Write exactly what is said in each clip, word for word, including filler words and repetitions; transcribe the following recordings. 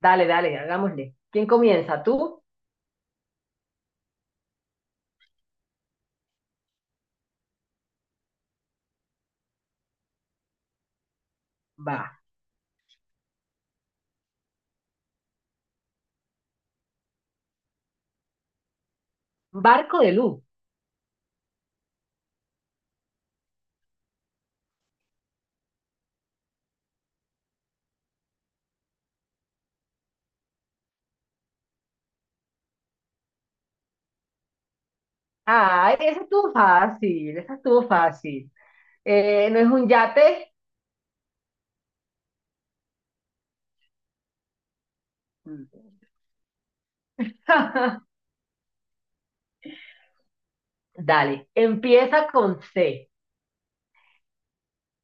Dale, dale, hagámosle. ¿Quién comienza? ¿Tú? Va. Barco de luz. Ah, esa estuvo fácil, esa estuvo fácil. Eh, ¿no es un yate? Mm. Dale, empieza con C.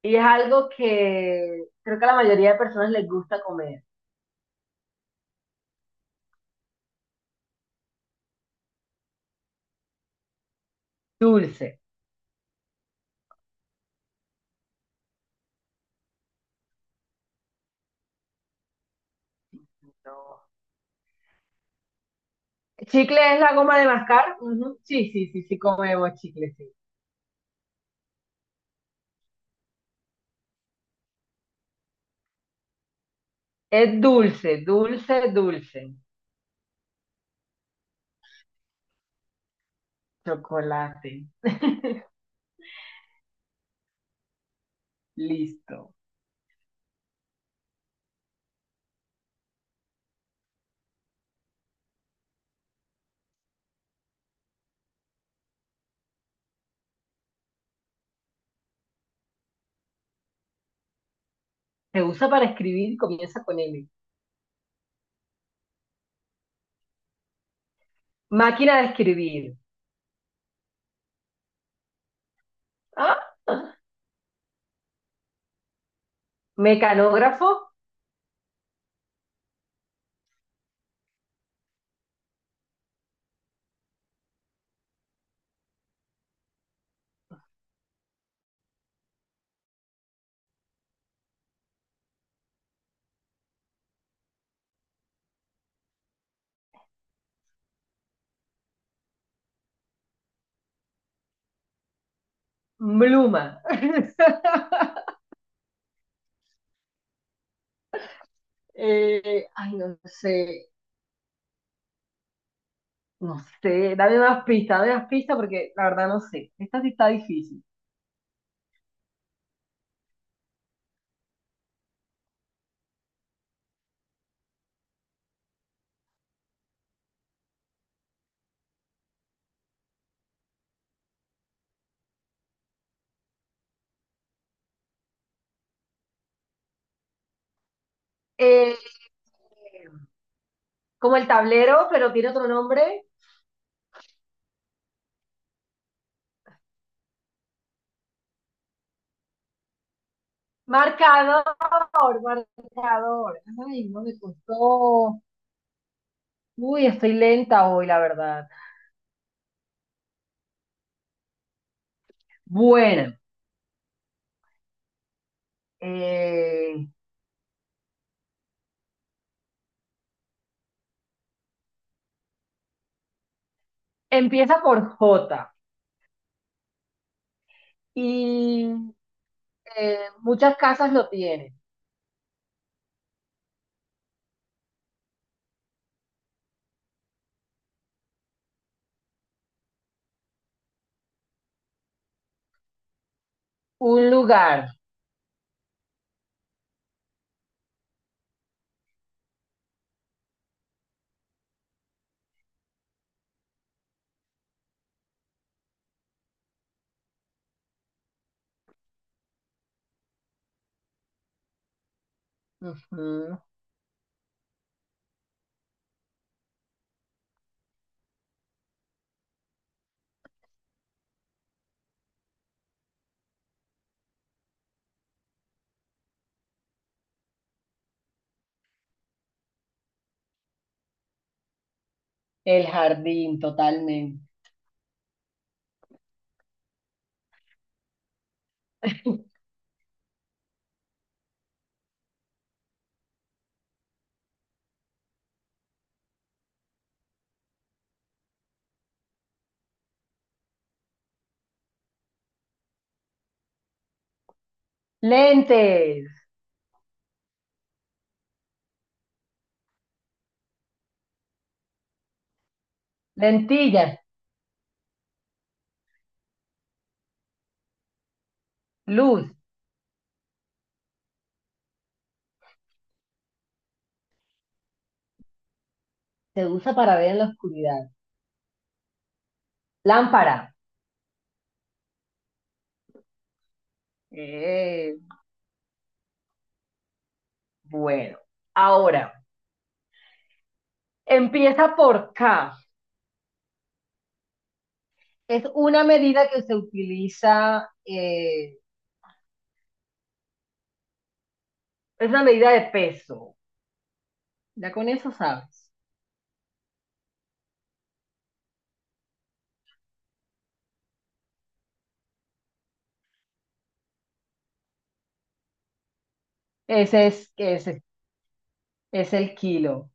Y es algo que creo que a la mayoría de personas les gusta comer. Dulce. No. ¿Chicle es la goma de mascar? Ujú, sí, sí, sí, sí comemos chicle, sí. Es dulce, dulce, dulce. Chocolate. Listo. Se usa para escribir y comienza con M. Máquina de escribir. ¿Ah? Mecanógrafo, pluma. Eh, ay, no sé, no sé. Dame más pistas, dame más pistas porque la verdad no sé. Esta sí está difícil. Eh, Como el tablero, pero tiene otro nombre. Marcador, marcador. Ay, no me costó. Uy, estoy lenta hoy, la verdad. Bueno, eh, empieza por J y eh, muchas casas lo tienen. Un lugar. Ujú. El jardín, totalmente. Lentes, lentillas, luz. Se usa para ver en la oscuridad. Lámpara. Eh, bueno, ahora, empieza por K. Es una medida que se utiliza, eh, es una medida de peso. Ya con eso sabes. Ese es, ese es el kilo.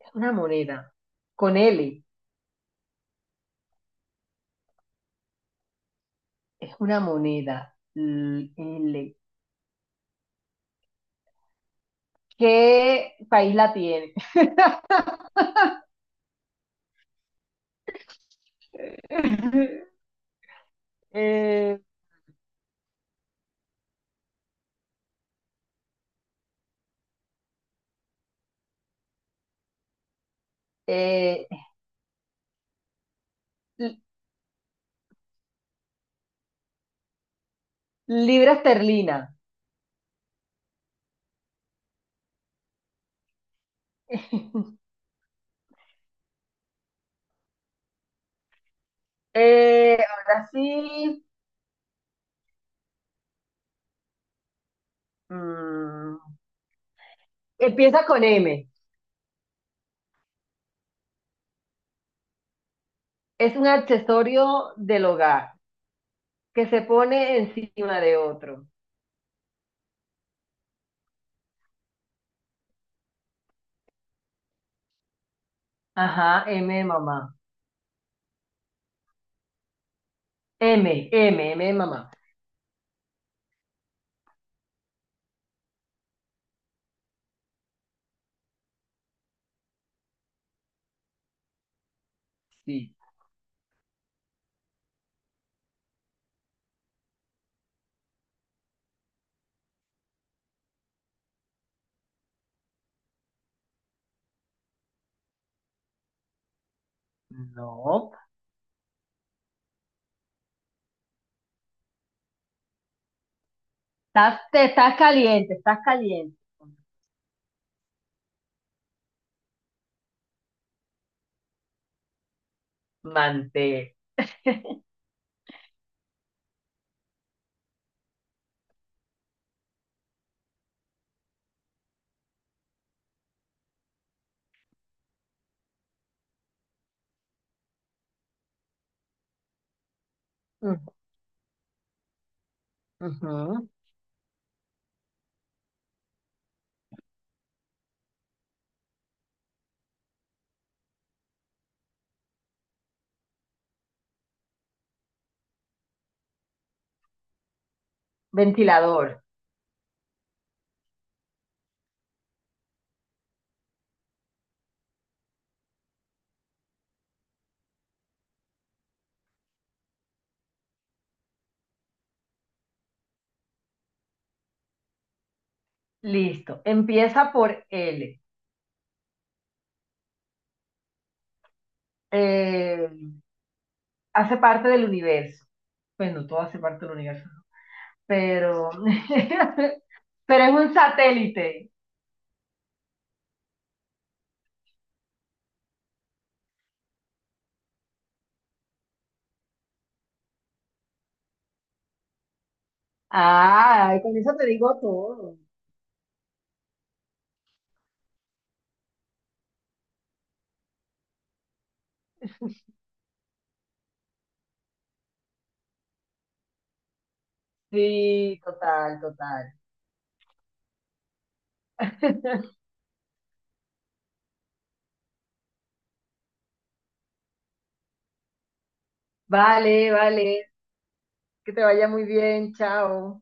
Es una moneda. Con L. Es una moneda. L. L. ¿Qué país la tiene? Eh, eh, li- libra esterlina. Eh, ahora sí. Mm, empieza con M. Es un accesorio del hogar que se pone encima de otro. Ajá, M de mamá. M, M, M de mamá. Sí. No, estás, te estás caliente, estás caliente. Mantel. Ujú, ujú. Ventilador. Listo. Empieza por L. Eh, hace parte del universo. Bueno, todo hace parte del universo, ¿no? Pero, pero es un satélite. Ah, con eso te digo todo. Sí, total, total. Vale, vale. Que te vaya muy bien. Chao.